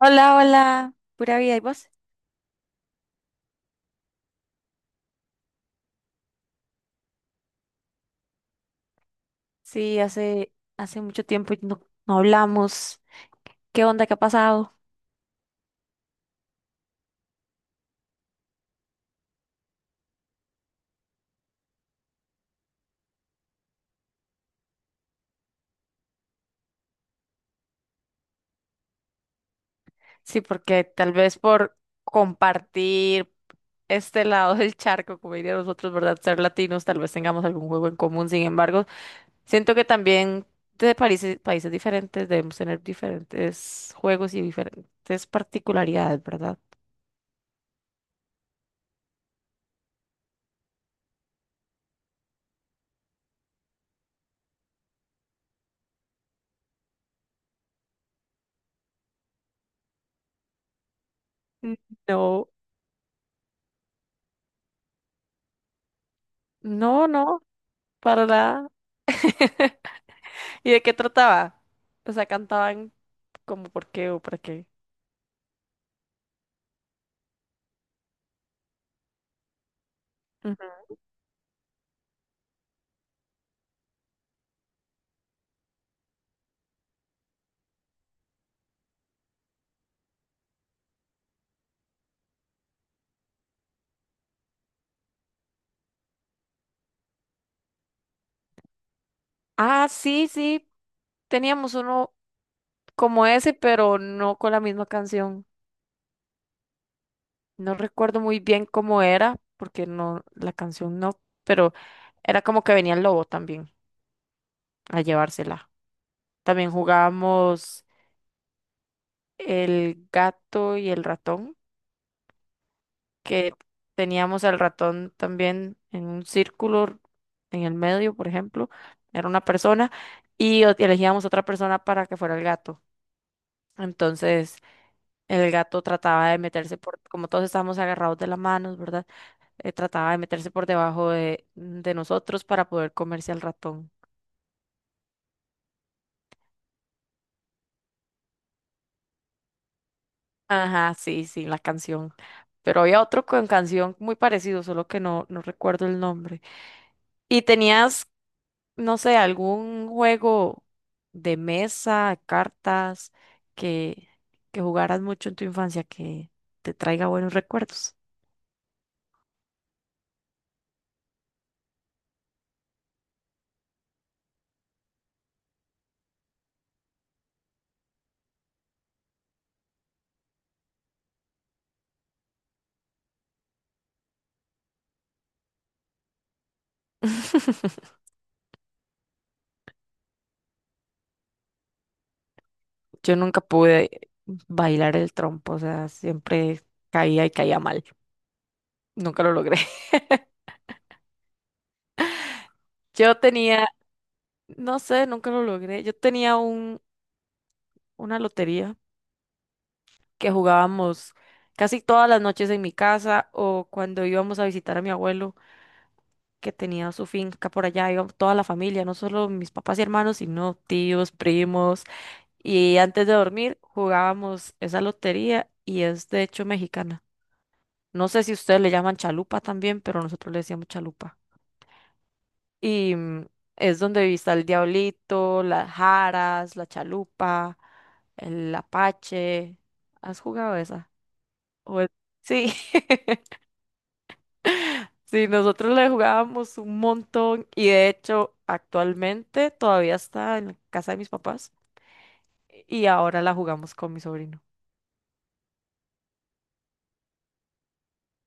Hola, hola, pura vida, ¿y vos? Sí, hace mucho tiempo y no hablamos. ¿Qué onda? ¿Qué ha pasado? Sí, porque tal vez por compartir este lado del charco, como diría nosotros, ¿verdad? Ser latinos, tal vez tengamos algún juego en común. Sin embargo, siento que también de países diferentes debemos tener diferentes juegos y diferentes particularidades, ¿verdad? Mm. No, no, no, para nada. ¿Y de qué trataba? O sea, cantaban, ¿como por qué o para qué? Ujú. Ah, sí, sí, teníamos uno como ese, pero no con la misma canción. No recuerdo muy bien cómo era, porque no, la canción no, pero era como que venía el lobo también a llevársela. También jugábamos el gato y el ratón, que teníamos al ratón también en un círculo en el medio. Por ejemplo, era una persona, y elegíamos otra persona para que fuera el gato. Entonces, el gato trataba de meterse por, como todos estábamos agarrados de las manos, ¿verdad? Trataba de meterse por debajo de nosotros para poder comerse al ratón. Ajá, sí, sí, la canción. Pero había otro con canción muy parecido, solo que no recuerdo el nombre. ¿Y tenías, no sé, algún juego de mesa, cartas, que, que jugaras mucho en tu infancia que te traiga buenos recuerdos? Yo nunca pude bailar el trompo, o sea, siempre caía y caía mal. Nunca lo logré. Yo tenía, no sé, nunca lo logré. Yo tenía un, una lotería que jugábamos casi todas las noches en mi casa o cuando íbamos a visitar a mi abuelo, que tenía su finca por allá. Íbamos toda la familia, no solo mis papás y hermanos, sino tíos, primos. Y antes de dormir jugábamos esa lotería, y es de hecho mexicana. No sé si ustedes le llaman chalupa también, pero nosotros le decíamos chalupa. Y es donde está el diablito, las jaras, la chalupa, el apache. ¿Has jugado esa? O es- Sí, sí, nosotros le jugábamos un montón, y de hecho actualmente todavía está en la casa de mis papás y ahora la jugamos con mi sobrino.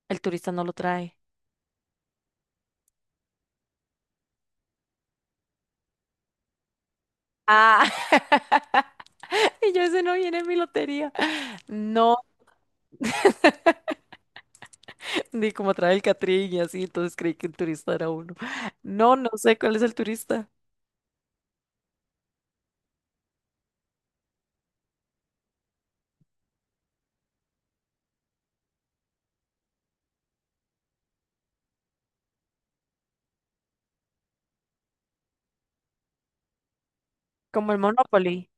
El turista no lo trae. Ah, y yo ese no viene en mi lotería. No. Ni como trae el Catrín y así, entonces creí que el turista era uno. No, no sé cuál es el turista. Como el Monopoly.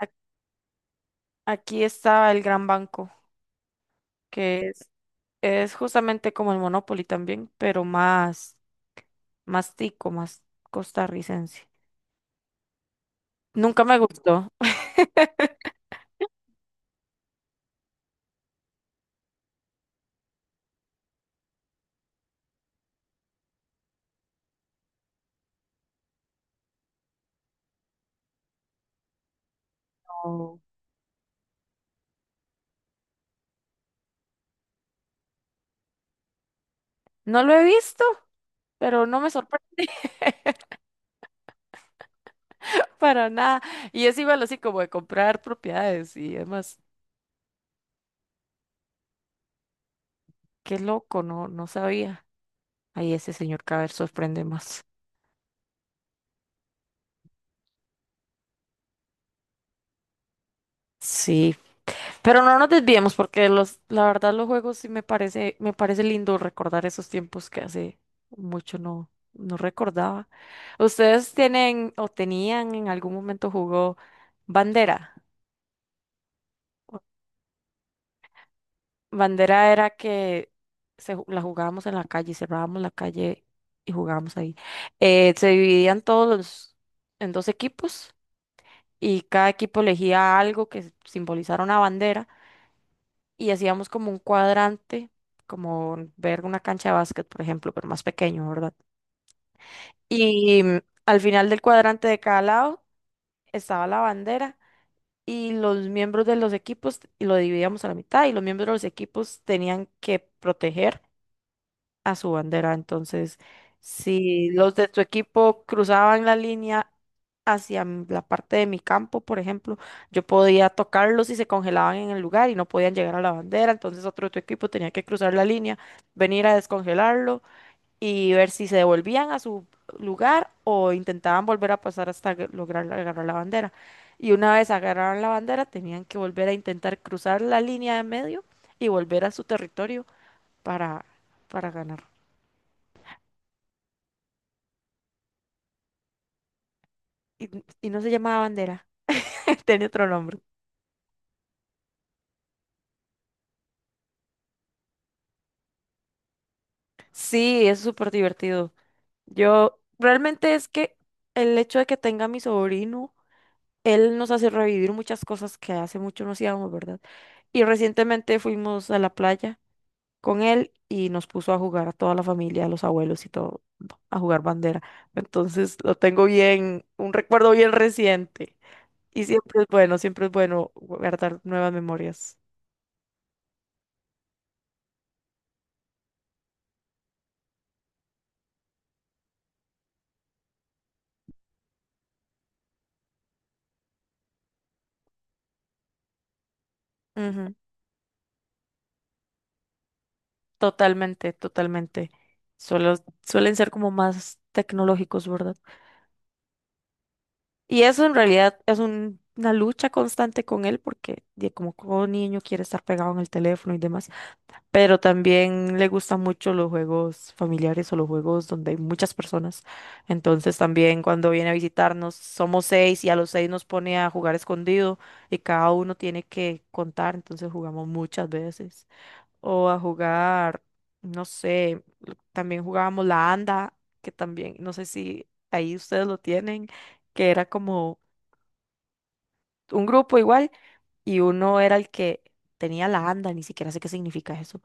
A- Aquí estaba el Gran Banco, que es justamente como el Monopoly también, pero más, más tico, más costarricense. Nunca me gustó. No. No lo he visto, pero no me sorprende, para nada. Y es igual así como de comprar propiedades y demás. Qué loco, no, no sabía. Ahí ese señor cada vez sorprende más. Sí. Pero no nos desviemos, porque los, la verdad los juegos sí me parece lindo recordar esos tiempos que hace mucho no recordaba. ¿Ustedes tienen o tenían en algún momento jugó bandera? Bandera era que se, la jugábamos en la calle, cerrábamos la calle y jugábamos ahí. Se dividían en dos equipos, y cada equipo elegía algo que simbolizara una bandera, y hacíamos como un cuadrante, como ver una cancha de básquet, por ejemplo, pero más pequeño, ¿verdad? Y al final del cuadrante de cada lado estaba la bandera, y los miembros de los equipos, y lo dividíamos a la mitad, y los miembros de los equipos tenían que proteger a su bandera. Entonces, si los de tu equipo cruzaban la línea hacia la parte de mi campo, por ejemplo, yo podía tocarlos y se congelaban en el lugar y no podían llegar a la bandera. Entonces, otro de tu equipo tenía que cruzar la línea, venir a descongelarlo y ver si se devolvían a su lugar o intentaban volver a pasar hasta lograr agarrar la bandera. Y una vez agarraron la bandera, tenían que volver a intentar cruzar la línea de medio y volver a su territorio para, para ganar. Y, y no se llamaba bandera, tenía otro nombre. Sí, es súper divertido. Yo, realmente es que el hecho de que tenga a mi sobrino, él nos hace revivir muchas cosas que hace mucho no hacíamos, ¿verdad? Y recientemente fuimos a la playa con él y nos puso a jugar a toda la familia, a los abuelos y todo, a jugar bandera. Entonces lo tengo bien, un recuerdo bien reciente. Y siempre es bueno guardar nuevas memorias. Ujú. Totalmente, totalmente. Suelo- suelen ser como más tecnológicos, ¿verdad? Y eso en realidad es una lucha constante con él porque como todo niño quiere estar pegado en el teléfono y demás, pero también le gustan mucho los juegos familiares o los juegos donde hay muchas personas. Entonces también cuando viene a visitarnos somos seis, y a los seis nos pone a jugar escondido, y cada uno tiene que contar, entonces jugamos muchas veces, o a jugar, no sé, también jugábamos la anda, que también, no sé si ahí ustedes lo tienen, que era como un grupo igual, y uno era el que tenía la anda, ni siquiera sé qué significa eso.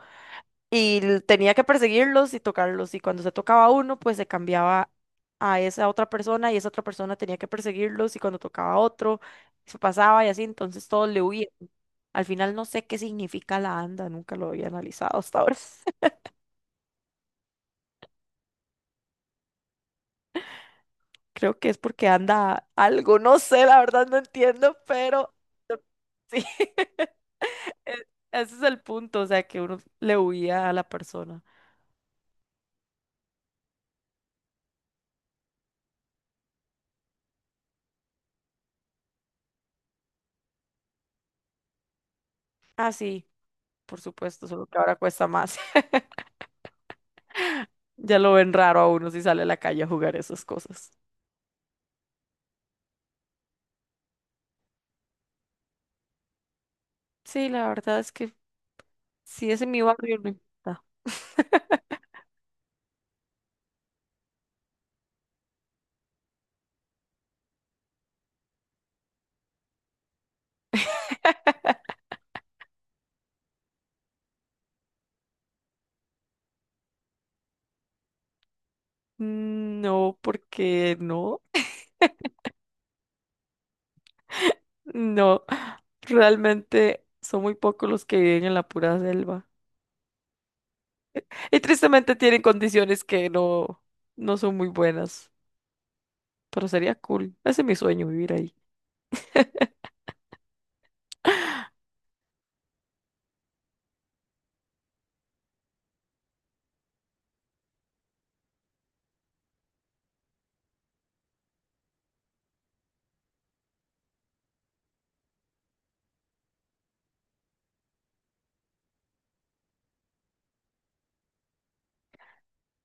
Y tenía que perseguirlos y tocarlos, y cuando se tocaba a uno, pues se cambiaba a esa otra persona, y esa otra persona tenía que perseguirlos, y cuando tocaba a otro, se pasaba y así, entonces todos le huían. Al final no sé qué significa la anda, nunca lo había analizado hasta ahora. Creo que es porque anda algo, no sé, la verdad no entiendo, pero sí, e- ese es el punto, o sea, que uno le huía a la persona. Ah, sí, por supuesto, solo que ahora cuesta más. Ya lo ven raro a uno si sale a la calle a jugar esas cosas. Sí, la verdad es que si es en mi barrio, no importa. No, porque no, no, realmente son muy pocos los que viven en la pura selva. Y tristemente tienen condiciones que no, no son muy buenas, pero sería cool. Ese es mi sueño, vivir ahí.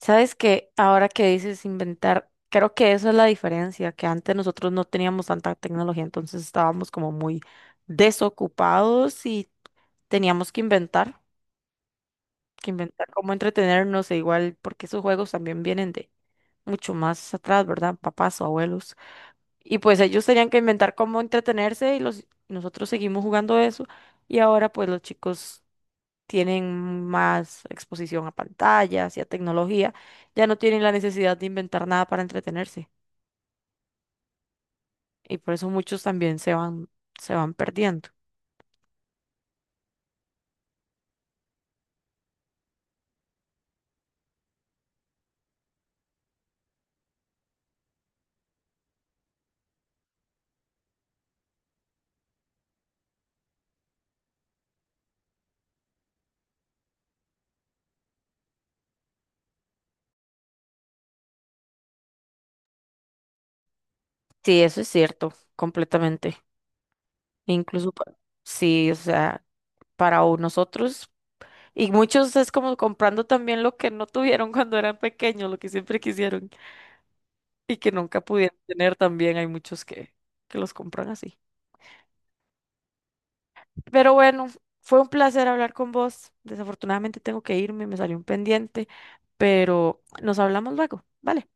Sabes que ahora que dices inventar, creo que eso es la diferencia, que antes nosotros no teníamos tanta tecnología, entonces estábamos como muy desocupados y teníamos que inventar cómo entretenernos e igual, porque esos juegos también vienen de mucho más atrás, ¿verdad? Papás o abuelos. Y pues ellos tenían que inventar cómo entretenerse, y los, nosotros seguimos jugando eso. Y ahora pues los chicos tienen más exposición a pantallas y a tecnología. Ya no tienen la necesidad de inventar nada para entretenerse. Y por eso muchos también se van perdiendo. Sí, eso es cierto, completamente. Incluso, sí, o sea, para nosotros. Y muchos es como comprando también lo que no tuvieron cuando eran pequeños, lo que siempre quisieron, y que nunca pudieron tener también. Hay muchos que los compran así. Pero bueno, fue un placer hablar con vos. Desafortunadamente tengo que irme, me salió un pendiente, pero nos hablamos luego, ¿vale?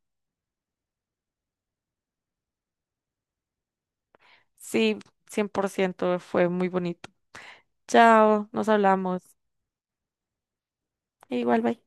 Sí, 100% fue muy bonito. Chao, nos hablamos. Igual, bye.